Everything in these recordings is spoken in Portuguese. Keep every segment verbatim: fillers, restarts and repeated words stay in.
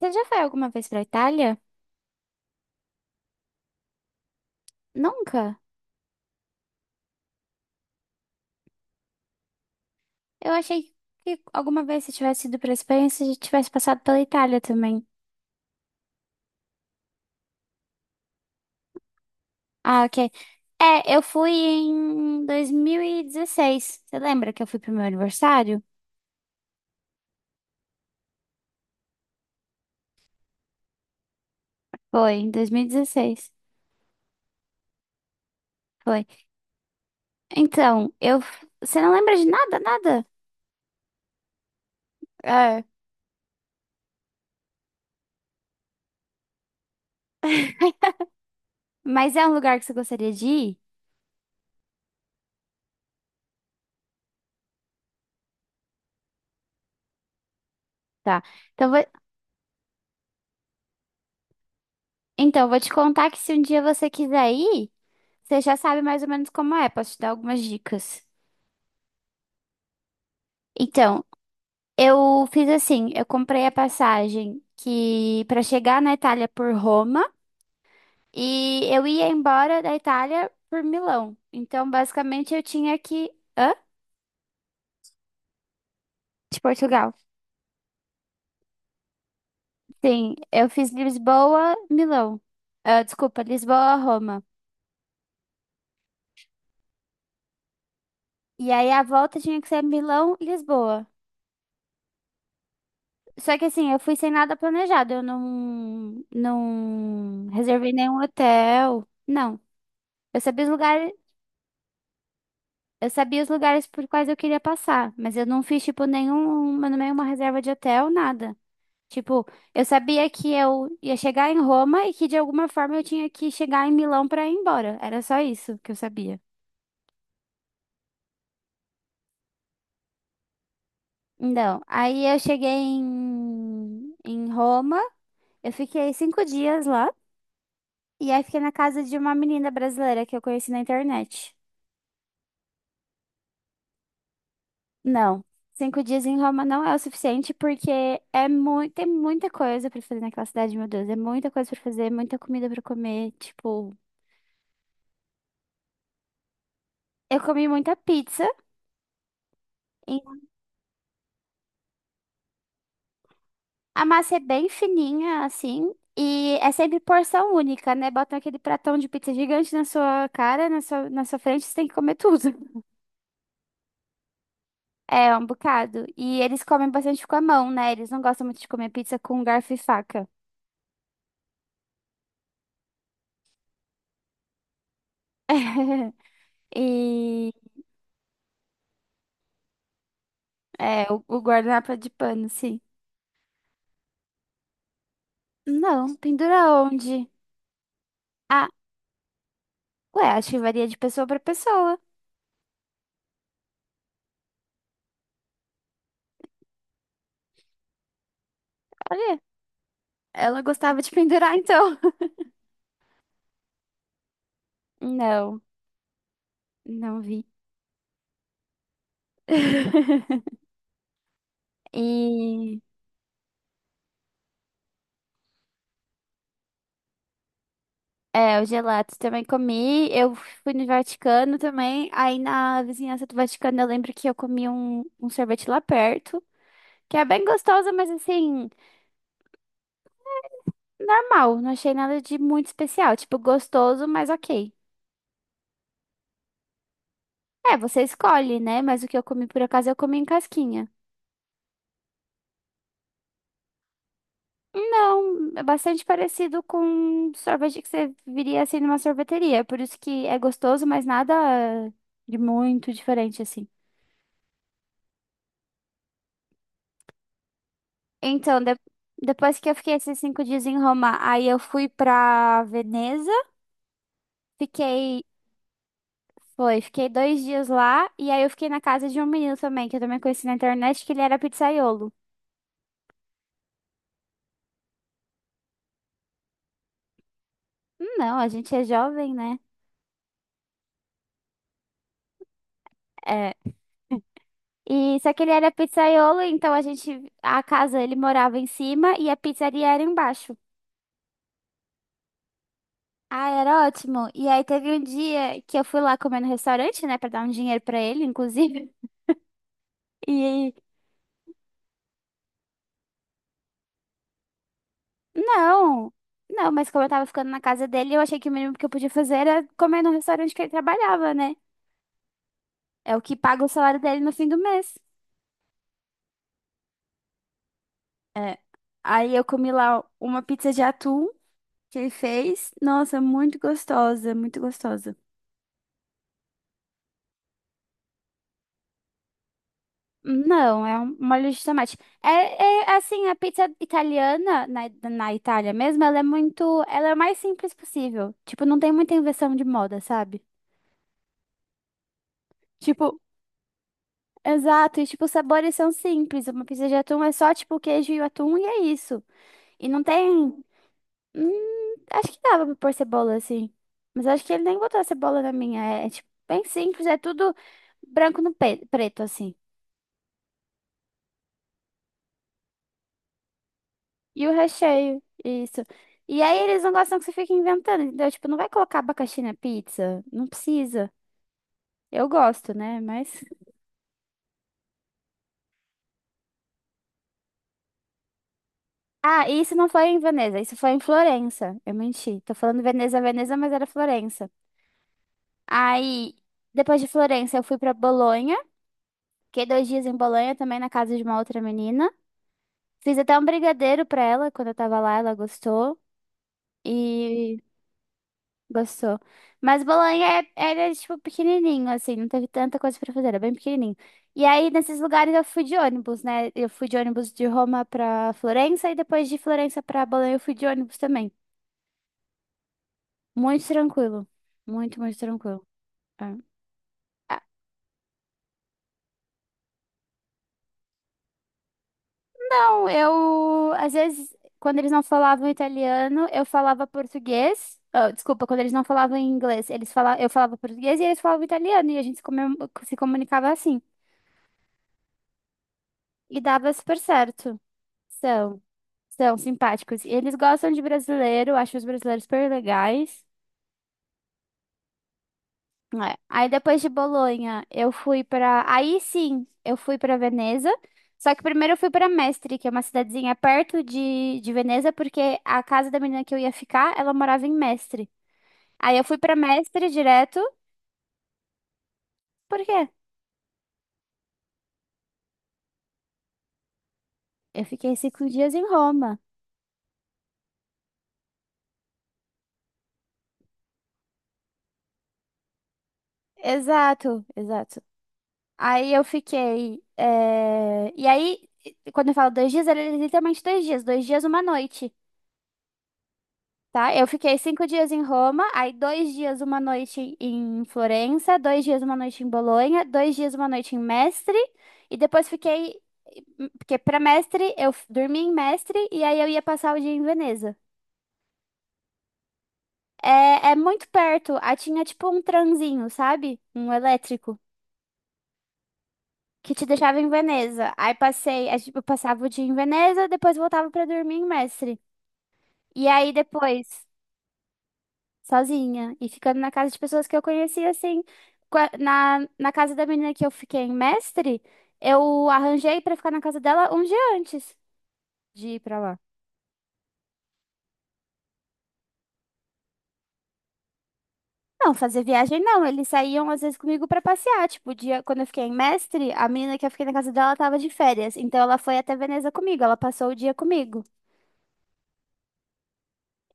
Você já foi alguma vez pra Itália? Nunca? Eu achei que alguma vez você tivesse ido pra Espanha, você já tivesse passado pela Itália também. Ah, ok. É, eu fui em dois mil e dezesseis. Você lembra que eu fui pro meu aniversário? Foi, em dois mil e dezesseis. Foi. Então, eu. Você não lembra de nada, nada? É. Mas é um lugar que você gostaria de ir? Tá. Então, vou... então, eu vou te contar que, se um dia você quiser ir, você já sabe mais ou menos como é. Posso te dar algumas dicas. Então, eu fiz assim, eu comprei a passagem que para chegar na Itália por Roma e eu ia embora da Itália por Milão. Então, basicamente, eu tinha que... Hã? De Portugal. Sim, eu fiz Lisboa, Milão. Ah, desculpa, Lisboa, Roma. E aí a volta tinha que ser Milão, Lisboa. Só que assim, eu fui sem nada planejado. Eu não, não reservei nenhum hotel. Não. Eu sabia os lugares. Eu sabia os lugares por quais eu queria passar, mas eu não fiz, tipo, nenhuma, nenhuma reserva de hotel, nada. Tipo, eu sabia que eu ia chegar em Roma e que de alguma forma eu tinha que chegar em Milão pra ir embora. Era só isso que eu sabia. Então, aí eu cheguei em, em Roma, eu fiquei cinco dias lá, e aí fiquei na casa de uma menina brasileira que eu conheci na internet. Não, cinco dias em Roma não é o suficiente, porque é muito, tem muita coisa pra fazer naquela cidade, meu Deus. É muita coisa pra fazer, muita comida pra comer. Tipo, eu comi muita pizza. E A massa é bem fininha, assim, e é sempre porção única, né? Botam aquele pratão de pizza gigante na sua cara, na sua, na sua frente, você tem que comer tudo. É, um bocado. E eles comem bastante com a mão, né? Eles não gostam muito de comer pizza com garfo e faca. E é, o, o guardanapo é de pano, sim. Não, pendurar onde? Ah, ué, acho que varia de pessoa pra pessoa. Olha, ela gostava de pendurar, então. Não, não vi. E é, o gelato também comi. Eu fui no Vaticano também. Aí na vizinhança do Vaticano eu lembro que eu comi um, um sorvete lá perto, que é bem gostoso, mas assim, normal. Não achei nada de muito especial. Tipo, gostoso, mas ok. É, você escolhe, né? Mas o que eu comi, por acaso eu comi em casquinha. Não, é bastante parecido com sorvete que você viria assim numa sorveteria. Por isso que é gostoso, mas nada de muito diferente assim. Então, de- depois que eu fiquei esses cinco dias em Roma, aí eu fui pra Veneza, fiquei, foi, fiquei dois dias lá, e aí eu fiquei na casa de um menino também, que eu também conheci na internet, que ele era pizzaiolo. Não, a gente é jovem, né? É. E só que ele era pizzaiolo, então a gente, a casa, ele morava em cima e a pizzaria era embaixo. Ah, era ótimo. E aí teve um dia que eu fui lá comer no restaurante, né, pra dar um dinheiro pra ele, inclusive. E não, não, mas como eu tava ficando na casa dele, eu achei que o mínimo que eu podia fazer era comer no restaurante que ele trabalhava, né? É o que paga o salário dele no fim do mês. É. Aí eu comi lá uma pizza de atum que ele fez. Nossa, muito gostosa, muito gostosa. Não, é um- uma molho de tomate. É, é, assim, a pizza italiana na, na Itália mesmo, ela é muito, ela é o mais simples possível. Tipo, não tem muita invenção de moda, sabe? Tipo, exato, e tipo, os sabores são simples. Uma pizza de atum é só tipo queijo e o atum e é isso. E não tem, hum, acho que dava pra pôr cebola assim. Mas acho que ele nem botou a cebola na minha. É, é, tipo bem simples, é tudo branco no pe- preto assim. E o recheio, isso. E aí eles não gostam que você fique inventando, entendeu? Tipo, não vai colocar abacaxi na pizza? Não precisa. Eu gosto, né? Mas. Ah, e isso não foi em Veneza, isso foi em Florença. Eu menti. Tô falando Veneza, Veneza, mas era Florença. Aí, depois de Florença, eu fui pra Bolonha. Fiquei dois dias em Bolonha, também na casa de uma outra menina. Fiz até um brigadeiro pra ela quando eu tava lá, ela gostou. E Gostou. Mas Bolonha é- era, tipo, pequenininho, assim, não teve tanta coisa pra fazer, era bem pequenininho. E aí, nesses lugares, eu fui de ônibus, né? Eu fui de ônibus de Roma pra Florença e depois de Florença pra Bolonha eu fui de ônibus também. Muito tranquilo. Muito, muito tranquilo. É. Ah, não, eu... Às vezes, quando eles não falavam italiano, eu falava português. Ah, desculpa, quando eles não falavam inglês, eles fala... eu falava português e eles falavam italiano e a gente se, comem- se comunicava assim. E dava super certo. São, são simpáticos. E eles gostam de brasileiro, acham os brasileiros super legais. É. Aí depois de Bolonha, eu fui pra. Aí sim, eu fui pra Veneza. Só que primeiro eu fui pra Mestre, que é uma cidadezinha perto de, de Veneza, porque a casa da menina que eu ia ficar, ela morava em Mestre. Aí eu fui pra Mestre direto, por quê? Eu fiquei cinco dias em Roma. Exato, exato. Aí eu fiquei. eh, E aí, quando eu falo dois dias, era literalmente dois dias, dois dias, uma noite, tá? Eu fiquei cinco dias em Roma, aí dois dias, uma noite em Florença, dois dias, uma noite em Bolonha, dois dias, uma noite em Mestre, e depois fiquei. Porque pra Mestre, eu f- dormi em Mestre, e aí eu ia passar o dia em Veneza. É, é muito perto, aí tinha tipo um tranzinho, sabe? Um elétrico que te deixava em Veneza. Aí passei, aí, tipo, eu passava o dia em Veneza, depois voltava pra dormir em Mestre. E aí depois, sozinha, e ficando na casa de pessoas que eu conhecia, assim, qua- na, na casa da menina que eu fiquei em Mestre, eu arranjei pra ficar na casa dela um dia antes de ir pra lá. Não, fazer viagem não, eles saíam às vezes comigo pra passear, tipo, o dia quando eu fiquei em Mestre, a menina que eu fiquei na casa dela tava de férias, então ela foi até Veneza comigo, ela passou o dia comigo.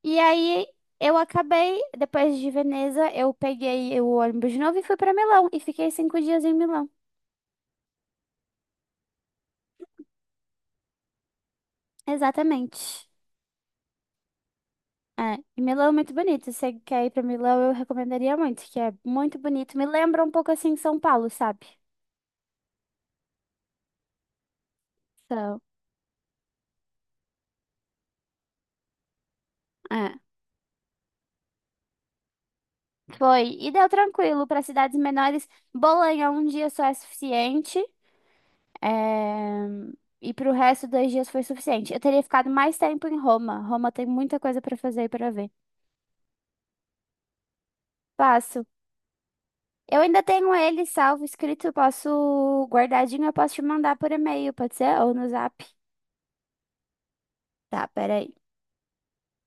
E aí eu acabei, depois de Veneza, eu peguei o ônibus de novo e fui pra Milão. E fiquei cinco dias em Milão. Exatamente. É, e Milão é muito bonito. Se você quer ir pra Milão, eu recomendaria muito, que é muito bonito. Me lembra um pouco assim São Paulo, sabe? Então, é. Foi. E deu tranquilo para cidades menores. Bolonha um dia só é suficiente. É... E pro resto, dois dias foi suficiente. Eu teria ficado mais tempo em Roma. Roma tem muita coisa para fazer e para ver. Passo. Eu ainda tenho ele salvo, escrito, posso guardadinho, eu posso te mandar por e-mail, pode ser? Ou no zap. Tá, peraí.